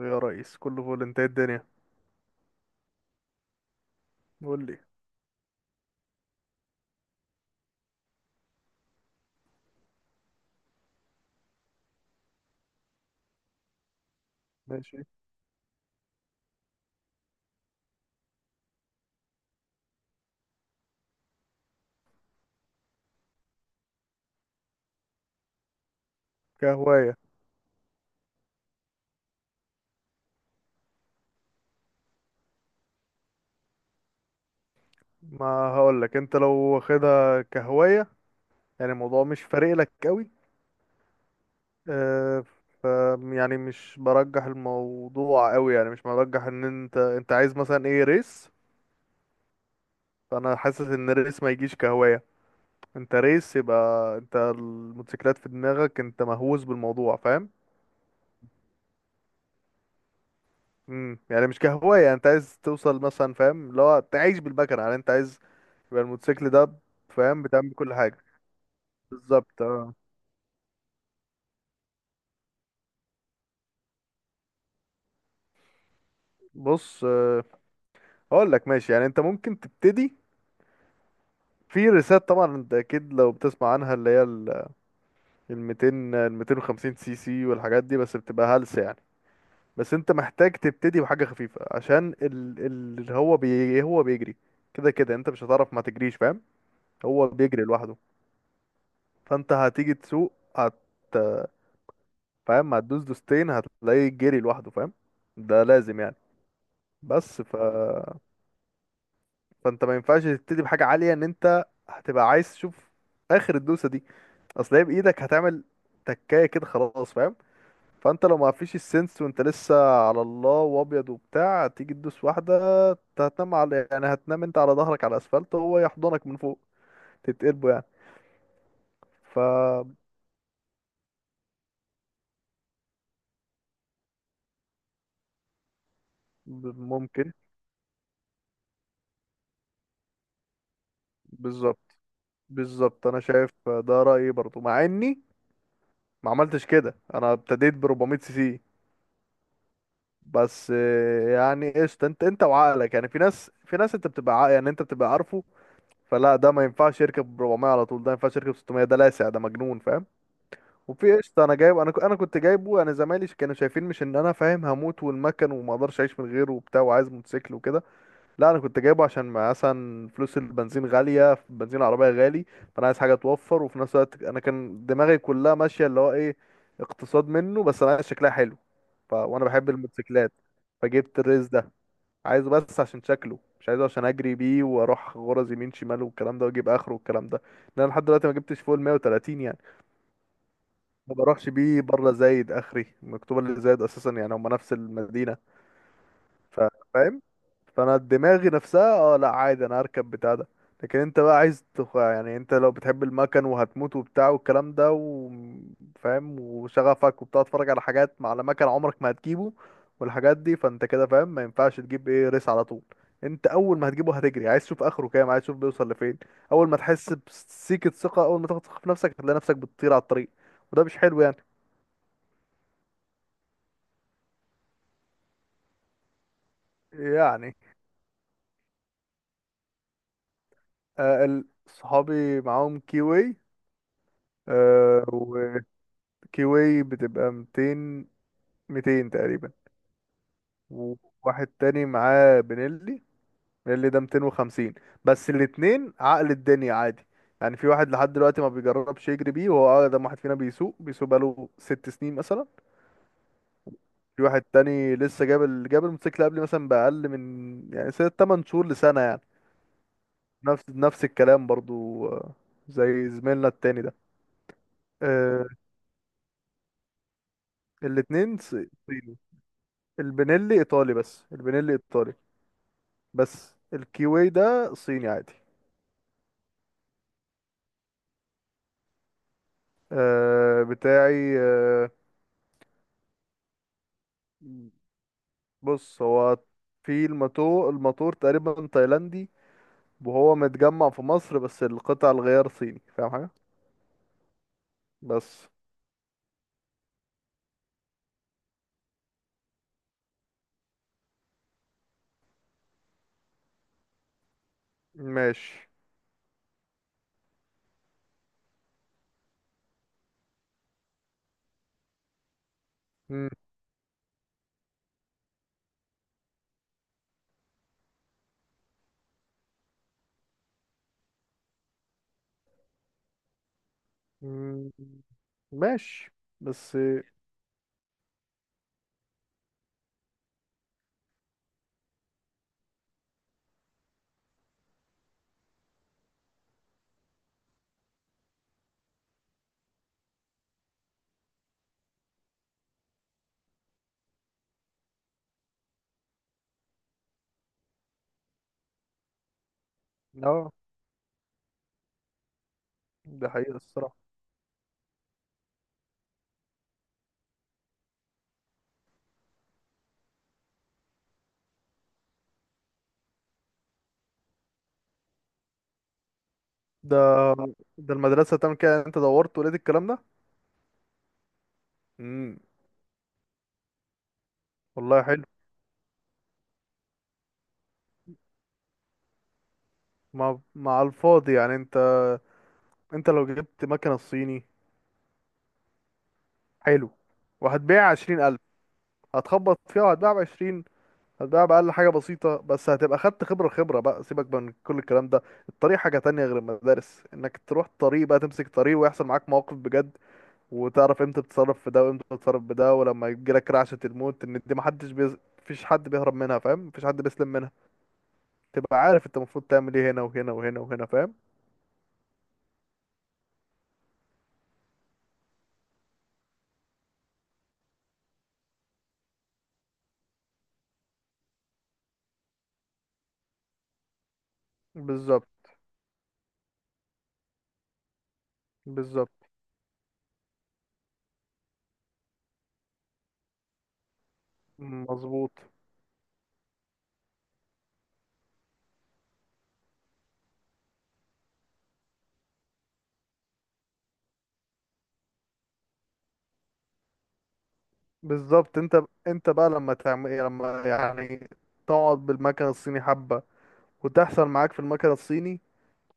يا ريس كله فول، انت ايه الدنيا؟ قول لي. ماشي. كهواية. ما هقول لك انت لو واخدها كهواية يعني الموضوع مش فارق لك قوي. اه. ف يعني مش برجح الموضوع قوي، يعني مش برجح ان انت عايز مثلا ايه ريس. فانا حاسس ان الريس ما يجيش كهواية. انت ريس، يبقى انت الموتوسيكلات في دماغك، انت مهووس بالموضوع، فاهم؟ يعني مش كهواية، يعني انت عايز توصل مثلا، فاهم اللي هو تعيش بالمكنة، يعني انت عايز يبقى الموتوسيكل ده. فاهم، بتعمل كل حاجة. بالظبط. اه. بص، هقول لك ماشي، يعني انت ممكن تبتدي. في ريسات طبعا انت اكيد لو بتسمع عنها اللي هي ال 200، ال 250 سي سي والحاجات دي، بس بتبقى هلس يعني. بس انت محتاج تبتدي بحاجة خفيفة عشان اللي هو هو بيجري. كده كده انت مش هتعرف ما تجريش، فاهم؟ هو بيجري لوحده. فانت هتيجي تسوق، فاهم، هتدوس دوستين هتلاقيه جري لوحده، فاهم؟ ده لازم يعني. بس فانت ما ينفعش تبتدي بحاجه عاليه، ان انت هتبقى عايز تشوف اخر الدوسه دي. اصل هي بايدك هتعمل تكايه كده، خلاص، فاهم؟ فانت لو ما فيش السنس وانت لسه على الله وابيض وبتاع، تيجي تدوس واحده، انت هتنام على، يعني هتنام انت على ظهرك على الاسفلت وهو يحضنك من فوق، تتقلبه يعني. فممكن. بالظبط. بالظبط انا شايف ده رايي برضو مع اني ما عملتش كده. انا ابتديت ب 400 سي سي. بس يعني قشطة. انت انت وعقلك، يعني في ناس انت بتبقى يعني انت بتبقى عارفه، فلا، ده ما ينفعش يركب 400 على طول، ده ما ينفعش يركب 600، ده لاسع، ده مجنون، فاهم؟ وفي قشطة. انا جايب، انا انا كنت جايبه يعني، زمايلي كانوا شايفين مش ان انا فاهم هموت والمكن وما اقدرش اعيش من غيره وبتاع وعايز موتوسيكل وكده. لا، انا كنت جايبه عشان مثلا فلوس البنزين غاليه، بنزين العربيه غالي. فانا عايز حاجه توفر، وفي نفس الوقت انا كان دماغي كلها ماشيه اللي هو ايه، اقتصاد منه، بس انا عايز شكلها حلو. وانا بحب الموتوسيكلات. فجبت الريس ده عايزه بس عشان شكله، مش عايزه عشان اجري بيه واروح غرز يمين شمال والكلام ده، واجيب اخره والكلام ده. لان أنا لحد دلوقتي ما جبتش فوق ال 130 يعني. ما بروحش بيه بره زايد، اخري مكتوب اللي زايد اساسا يعني هما نفس المدينه. ف- فاهم. فانا دماغي نفسها اه لا عادي، انا هركب بتاع ده. لكن انت بقى عايز يعني انت لو بتحب المكن وهتموت وبتاع والكلام ده وفاهم وشغفك وبتاع، تتفرج على حاجات على مكن عمرك ما هتجيبه والحاجات دي، فانت كده فاهم ما ينفعش تجيب ايه ريس على طول. انت اول ما هتجيبه هتجري عايز تشوف اخره كام، عايز تشوف بيوصل لفين. اول ما تحس بسيكة ثقة، اول ما تاخد ثقة في نفسك، هتلاقي نفسك بتطير على الطريق. وده مش حلو يعني. يعني. آه، صحابي معاهم كيوي. كيوي بتبقى 200. 200 تقريبا. وواحد تاني معاه بنيلي. بنيلي ده 250. بس الاتنين عقل الدنيا عادي، يعني في واحد لحد دلوقتي ما بيجربش يجري بيه وهو أقدم واحد فينا بيسوق، بيسوق بقاله 6 سنين مثلا. في واحد تاني لسه جاب جاب الموتوسيكل قبل مثلا بأقل من يعني ست تمن شهور لسنة يعني. نفس الكلام برضو، آه. زي زميلنا التاني ده. آه، الاتنين صيني. البنيلي إيطالي، بس البنيلي إيطالي. بس الكيوي ده صيني عادي. آه، بتاعي آه. بص، هو في الماتور تقريبا تايلاندي، وهو متجمع في مصر، بس القطع الغيار صيني، فاهم حاجة. بس. ماشي. مم. مم. ماشي. بس. اه. ده حقيقة الصراحة. ده ده المدرسة تعمل كده؟ انت دورت ولقيت الكلام ده؟ مم. والله حلو. مع الفاضي يعني، انت انت لو جبت مكنة صيني. حلو. وهتبيع 20,000. هتخبط فيها وهتبيع بعشرين، هتبيع بأقل حاجة بسيطة، بس هتبقى خدت خبرة. خبرة بقى، سيبك بقى من كل الكلام ده. الطريق حاجة تانية غير المدارس، انك تروح طريق بقى، تمسك طريق ويحصل معاك مواقف بجد، وتعرف امتى تتصرف في ده وامتى تتصرف بده، ولما يجيلك رعشة الموت، ان دي محدش مفيش حد بيهرب منها، فاهم؟ مفيش حد بيسلم منها. تبقى عارف انت المفروض تعمل ايه هنا وهنا وهنا وهنا، فاهم؟ بالظبط. بالظبط. مظبوط. بالظبط. انت انت بقى لما تعمل ايه، لما يعني تقعد بالمكنة الصيني حبة وتحصل معاك في المكنة الصيني،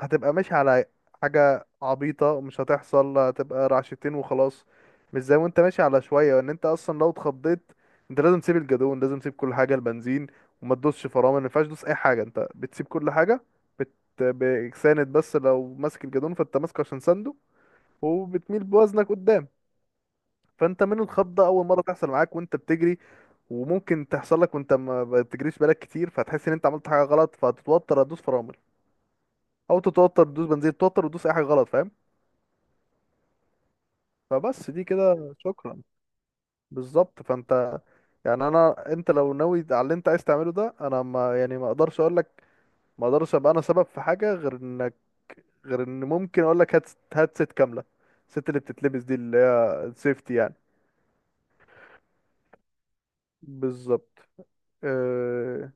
هتبقى ماشي على حاجة عبيطة. مش هتحصل، هتبقى رعشتين وخلاص. مش زي وانت ماشي على شوية. وان انت اصلا لو اتخضيت، انت لازم تسيب الجدون، لازم تسيب كل حاجة، البنزين، وما تدوسش فرامل، ما ينفعش تدوس اي حاجة، انت بتسيب كل حاجة. بت... بساند. بس لو ماسك الجدون فانت ماسكه عشان سنده، وبتميل بوزنك قدام. فانت منه الخضه اول مره تحصل معاك وانت بتجري، وممكن تحصل لك وانت ما بتجريش بالك كتير، فتحس ان انت عملت حاجه غلط، فتتوتر تدوس فرامل، او تتوتر تدوس بنزين، تتوتر وتدوس اي حاجه غلط، فاهم؟ فبس دي كده، شكرا. بالظبط. فانت يعني، انا انت لو ناوي على اللي انت عايز تعمله ده، انا ما يعني ما اقدرش اقول لك، ما اقدرش ابقى انا سبب في حاجه، غير انك، غير ان ممكن اقول لك هات، هات ست كامله. الست اللي بتتلبس دي اللي هي السيفتي يعني. بالظبط. أه.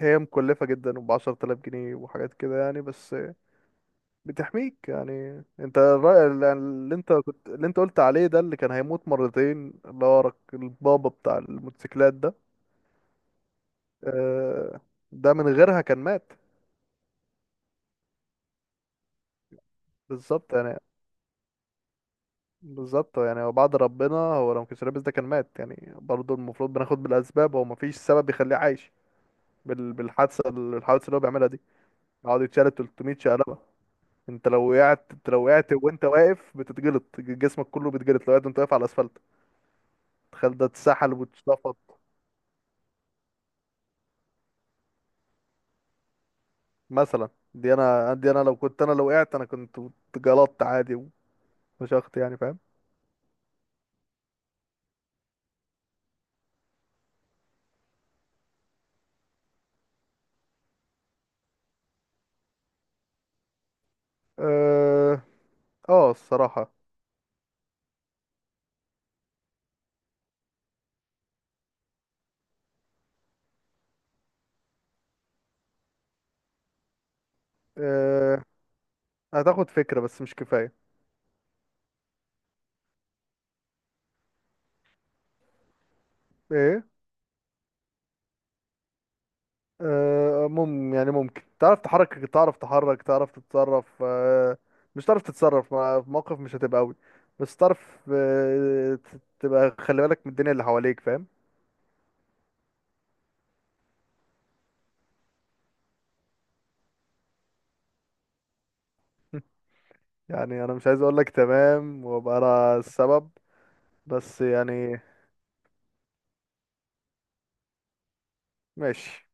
هي مكلفة جدا، وبعشرة آلاف جنيه وحاجات كده يعني، بس بتحميك يعني. انت الرأي اللي انت كنت اللي انت قلت عليه ده، اللي كان هيموت مرتين، اللي هو البابا بتاع الموتوسيكلات ده، آه. ده من غيرها كان مات. بالظبط يعني. بالظبط يعني هو بعد ربنا، هو لو مكانش لابس ده كان مات يعني، برضه المفروض بناخد بالأسباب، هو مفيش سبب يخليه عايش بالحادثة، الحوادث اللي هو بيعملها دي. يقعد يتشال 300 شقلبة. انت لو وقعت، انت لو وقعت وانت واقف بتتجلط، جسمك كله بيتجلط لو وقعت وانت واقف على الاسفلت، تخيل ده، اتسحل واتشفط. مثلا، دي انا، دي انا لو كنت، انا لو وقعت انا كنت اتجلطت عادي، وفشخت يعني، فاهم؟ اه. اه الصراحة. اه. هتاخد فكرة بس مش كفاية. ايه؟ اه، يعني ممكن تعرف تحرك، تعرف تحرك، تعرف تتصرف، اه. مش تعرف تتصرف، في موقف مش هتبقى قوي. بس تعرف، اه، تبقى خلي بالك من الدنيا اللي حواليك، فاهم؟ يعني انا مش عايز اقول لك تمام وابقى انا السبب، بس يعني. ماشي.